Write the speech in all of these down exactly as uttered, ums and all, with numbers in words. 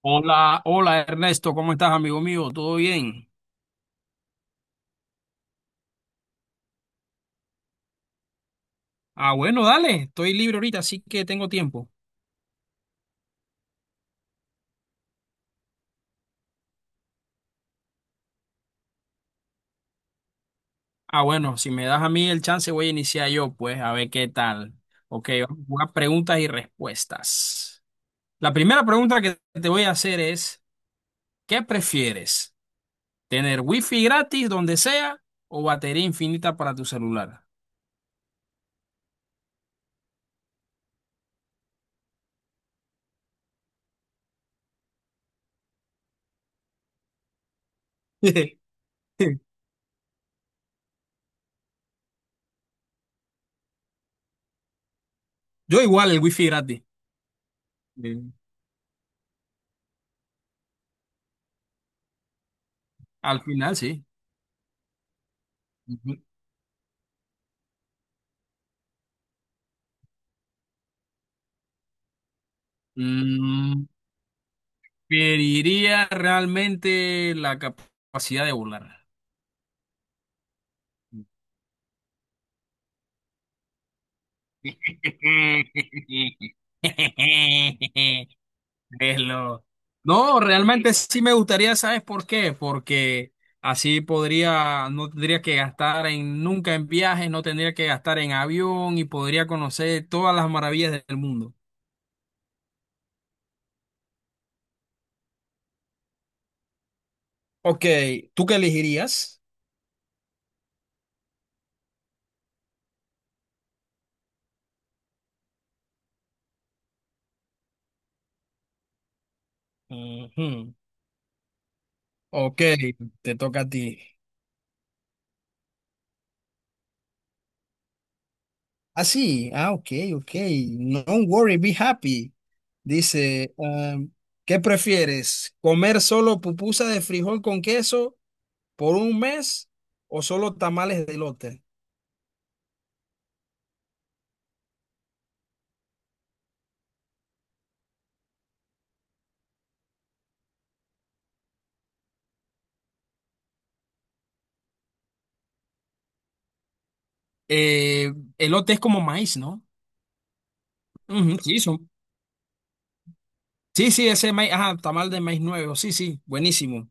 Hola, hola Ernesto, ¿cómo estás, amigo mío? ¿Todo bien? Ah, bueno, dale, estoy libre ahorita, así que tengo tiempo. Ah, bueno, si me das a mí el chance, voy a iniciar yo, pues, a ver qué tal. Ok, vamos a jugar preguntas y respuestas. La primera pregunta que te voy a hacer es, ¿qué prefieres? ¿Tener wifi gratis donde sea o batería infinita para tu celular? Yo igual el wifi gratis. Sí. Al final, sí. Ujú. Preferiría realmente la capacidad de volar. Velo. No, realmente sí me gustaría, ¿sabes por qué? Porque así podría, no tendría que gastar en nunca en viajes, no tendría que gastar en avión y podría conocer todas las maravillas del mundo. Ok, ¿tú qué elegirías? Ujú. Ok, te toca a ti. Ah, sí, ah, ok, ok. No worry, be happy. Dice, um, ¿qué prefieres? ¿Comer solo pupusa de frijol con queso por un mes o solo tamales de elote? Eh, elote es como maíz, ¿no? Ujú, sí, son. Sí, sí, ese maíz, ajá, tamal de maíz nuevo, sí, sí, buenísimo.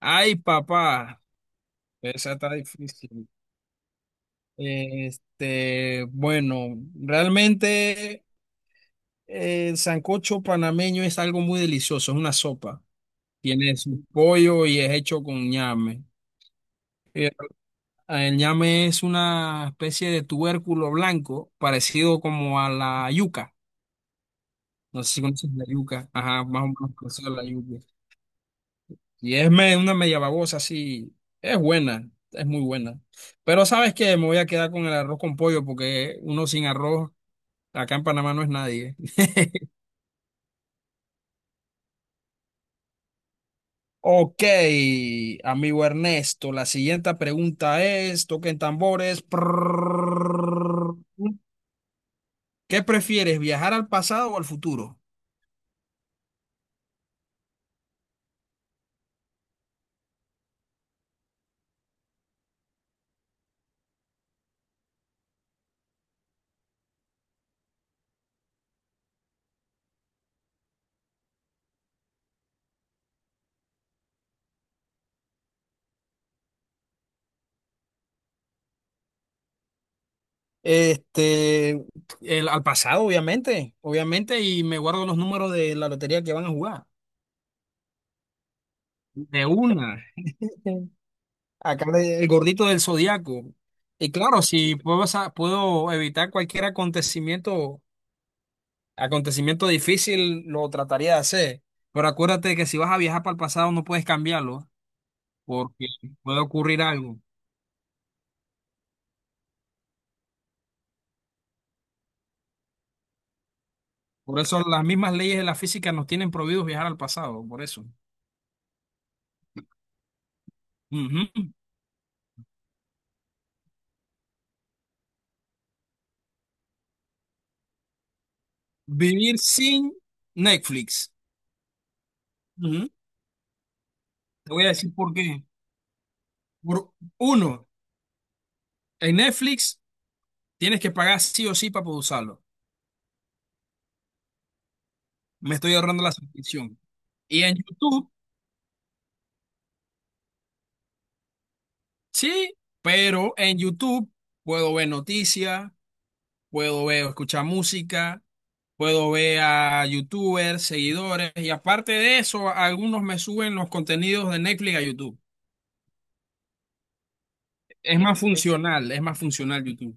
Ay, papá, esa está difícil. Este, bueno, realmente eh, el sancocho panameño es algo muy delicioso, es una sopa. Tiene su pollo y es hecho con ñame. Eh, El ñame es una especie de tubérculo blanco parecido como a la yuca. No sé si conoces la yuca. Ajá, más o menos parecido a la yuca. Y es me- una media babosa así. Es buena, es muy buena. Pero sabes que me voy a quedar con el arroz con pollo porque uno sin arroz acá en Panamá no es nadie. Ok, amigo Ernesto, la siguiente pregunta es, toquen tambores. Prrrr. ¿Qué prefieres, viajar al pasado o al futuro? Este, el, al pasado, obviamente, obviamente, y me guardo los números de la lotería que van a jugar. De una. Sí. Acá le- el gordito del zodiaco. Y claro, si puedo, sa- puedo evitar cualquier acontecimiento, acontecimiento difícil, lo trataría de hacer. Pero acuérdate que si vas a viajar para el pasado no puedes cambiarlo, porque puede ocurrir algo. Por eso las mismas leyes de la física nos tienen prohibidos viajar al pasado, por eso. Ujú. Vivir sin Netflix. Ujú. Te voy a decir por qué. Por uno, en Netflix tienes que pagar sí o sí para poder usarlo. Me estoy ahorrando la suscripción. Y en YouTube, sí, pero en YouTube puedo ver noticias, puedo ver, escuchar música, puedo ver a YouTubers, seguidores, y aparte de eso, algunos me suben los contenidos de Netflix a YouTube. Es más funcional, es más funcional YouTube.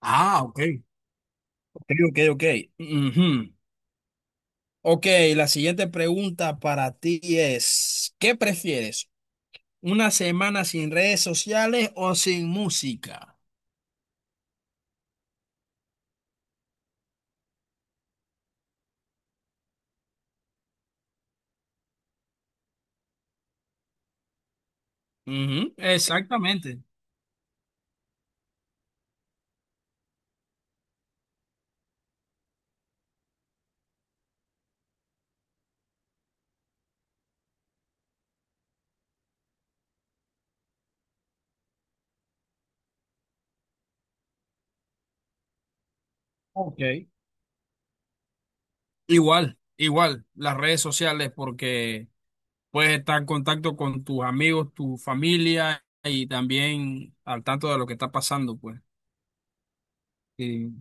Ah, ok. Ok, ok, ok. Ujú. Ok, la siguiente pregunta para ti es, ¿qué prefieres? ¿Una semana sin redes sociales o sin música? Ujú, exactamente. Ok. Igual, igual, las redes sociales porque puedes estar en contacto con tus amigos, tu familia y también al tanto de lo que está pasando, pues. Sí.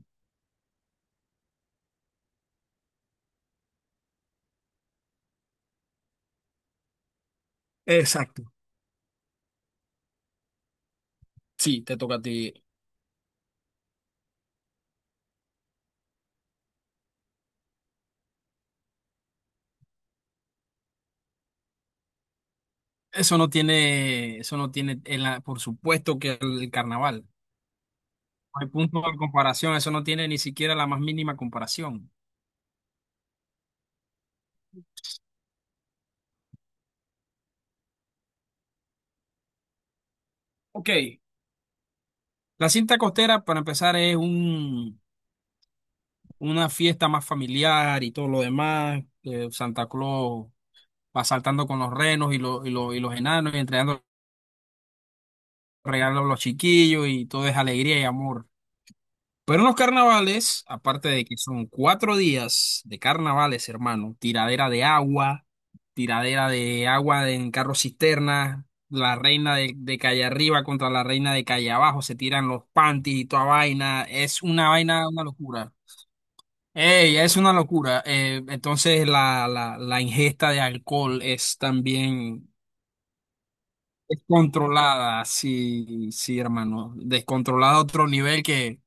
Exacto. Sí, te toca a ti. Eso no tiene, eso no tiene, en la- por supuesto que el carnaval. No hay punto de comparación, eso no tiene ni siquiera la más mínima comparación. Ok, la cinta costera, para empezar, es un, una fiesta más familiar y todo lo demás. eh, Santa Claus va saltando con los renos y, lo- y, lo- y los enanos y entregando regalos a los chiquillos y todo es alegría y amor. Pero en los carnavales, aparte de que son cuatro días de carnavales, hermano, tiradera de agua, tiradera de agua en carro cisterna, la reina de, de calle arriba contra la reina de calle abajo, se tiran los panties y toda vaina, es una vaina, una locura. Ey, es una locura. Eh, entonces la, la, la ingesta de alcohol es también descontrolada, sí, sí, hermano, descontrolada a otro nivel que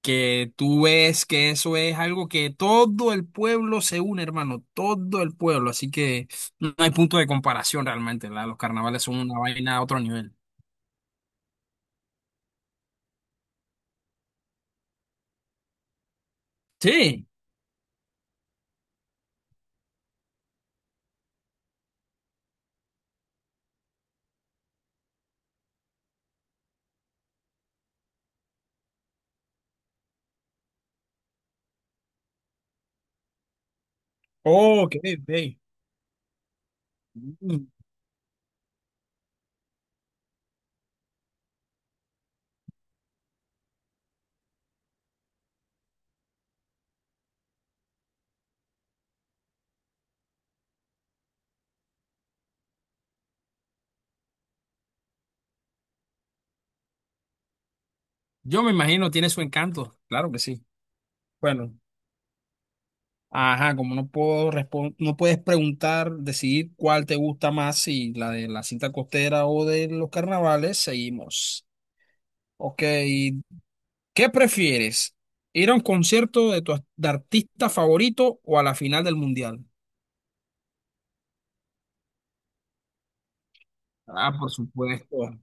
que tú ves que eso es algo que todo el pueblo se une, hermano, todo el pueblo, así que no hay punto de comparación realmente, la- los carnavales son una vaina a otro nivel. Sí, oh, ok, ok. Mm, yo me imagino tiene su encanto, claro que sí. Bueno, ajá, como no puedo respon- no puedes preguntar, decidir cuál te gusta más, si la de la cinta costera o de los carnavales, seguimos. Ok, ¿qué prefieres? ¿Ir a un concierto de tu ar- de artista favorito o a la final del mundial? Ah, por supuesto.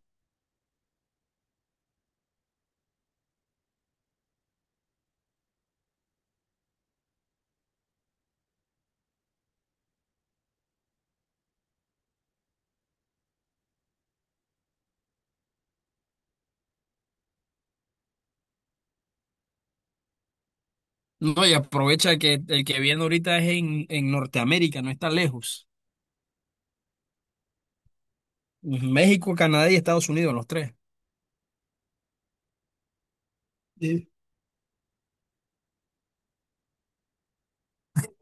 No, y aprovecha que el que viene ahorita es en, en Norteamérica, no está lejos. México, Canadá y Estados Unidos, los tres. Sí.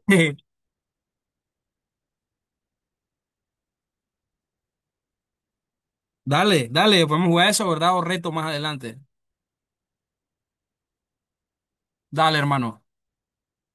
Dale, dale, podemos jugar eso, ¿verdad? O reto más adelante. Dale, hermano.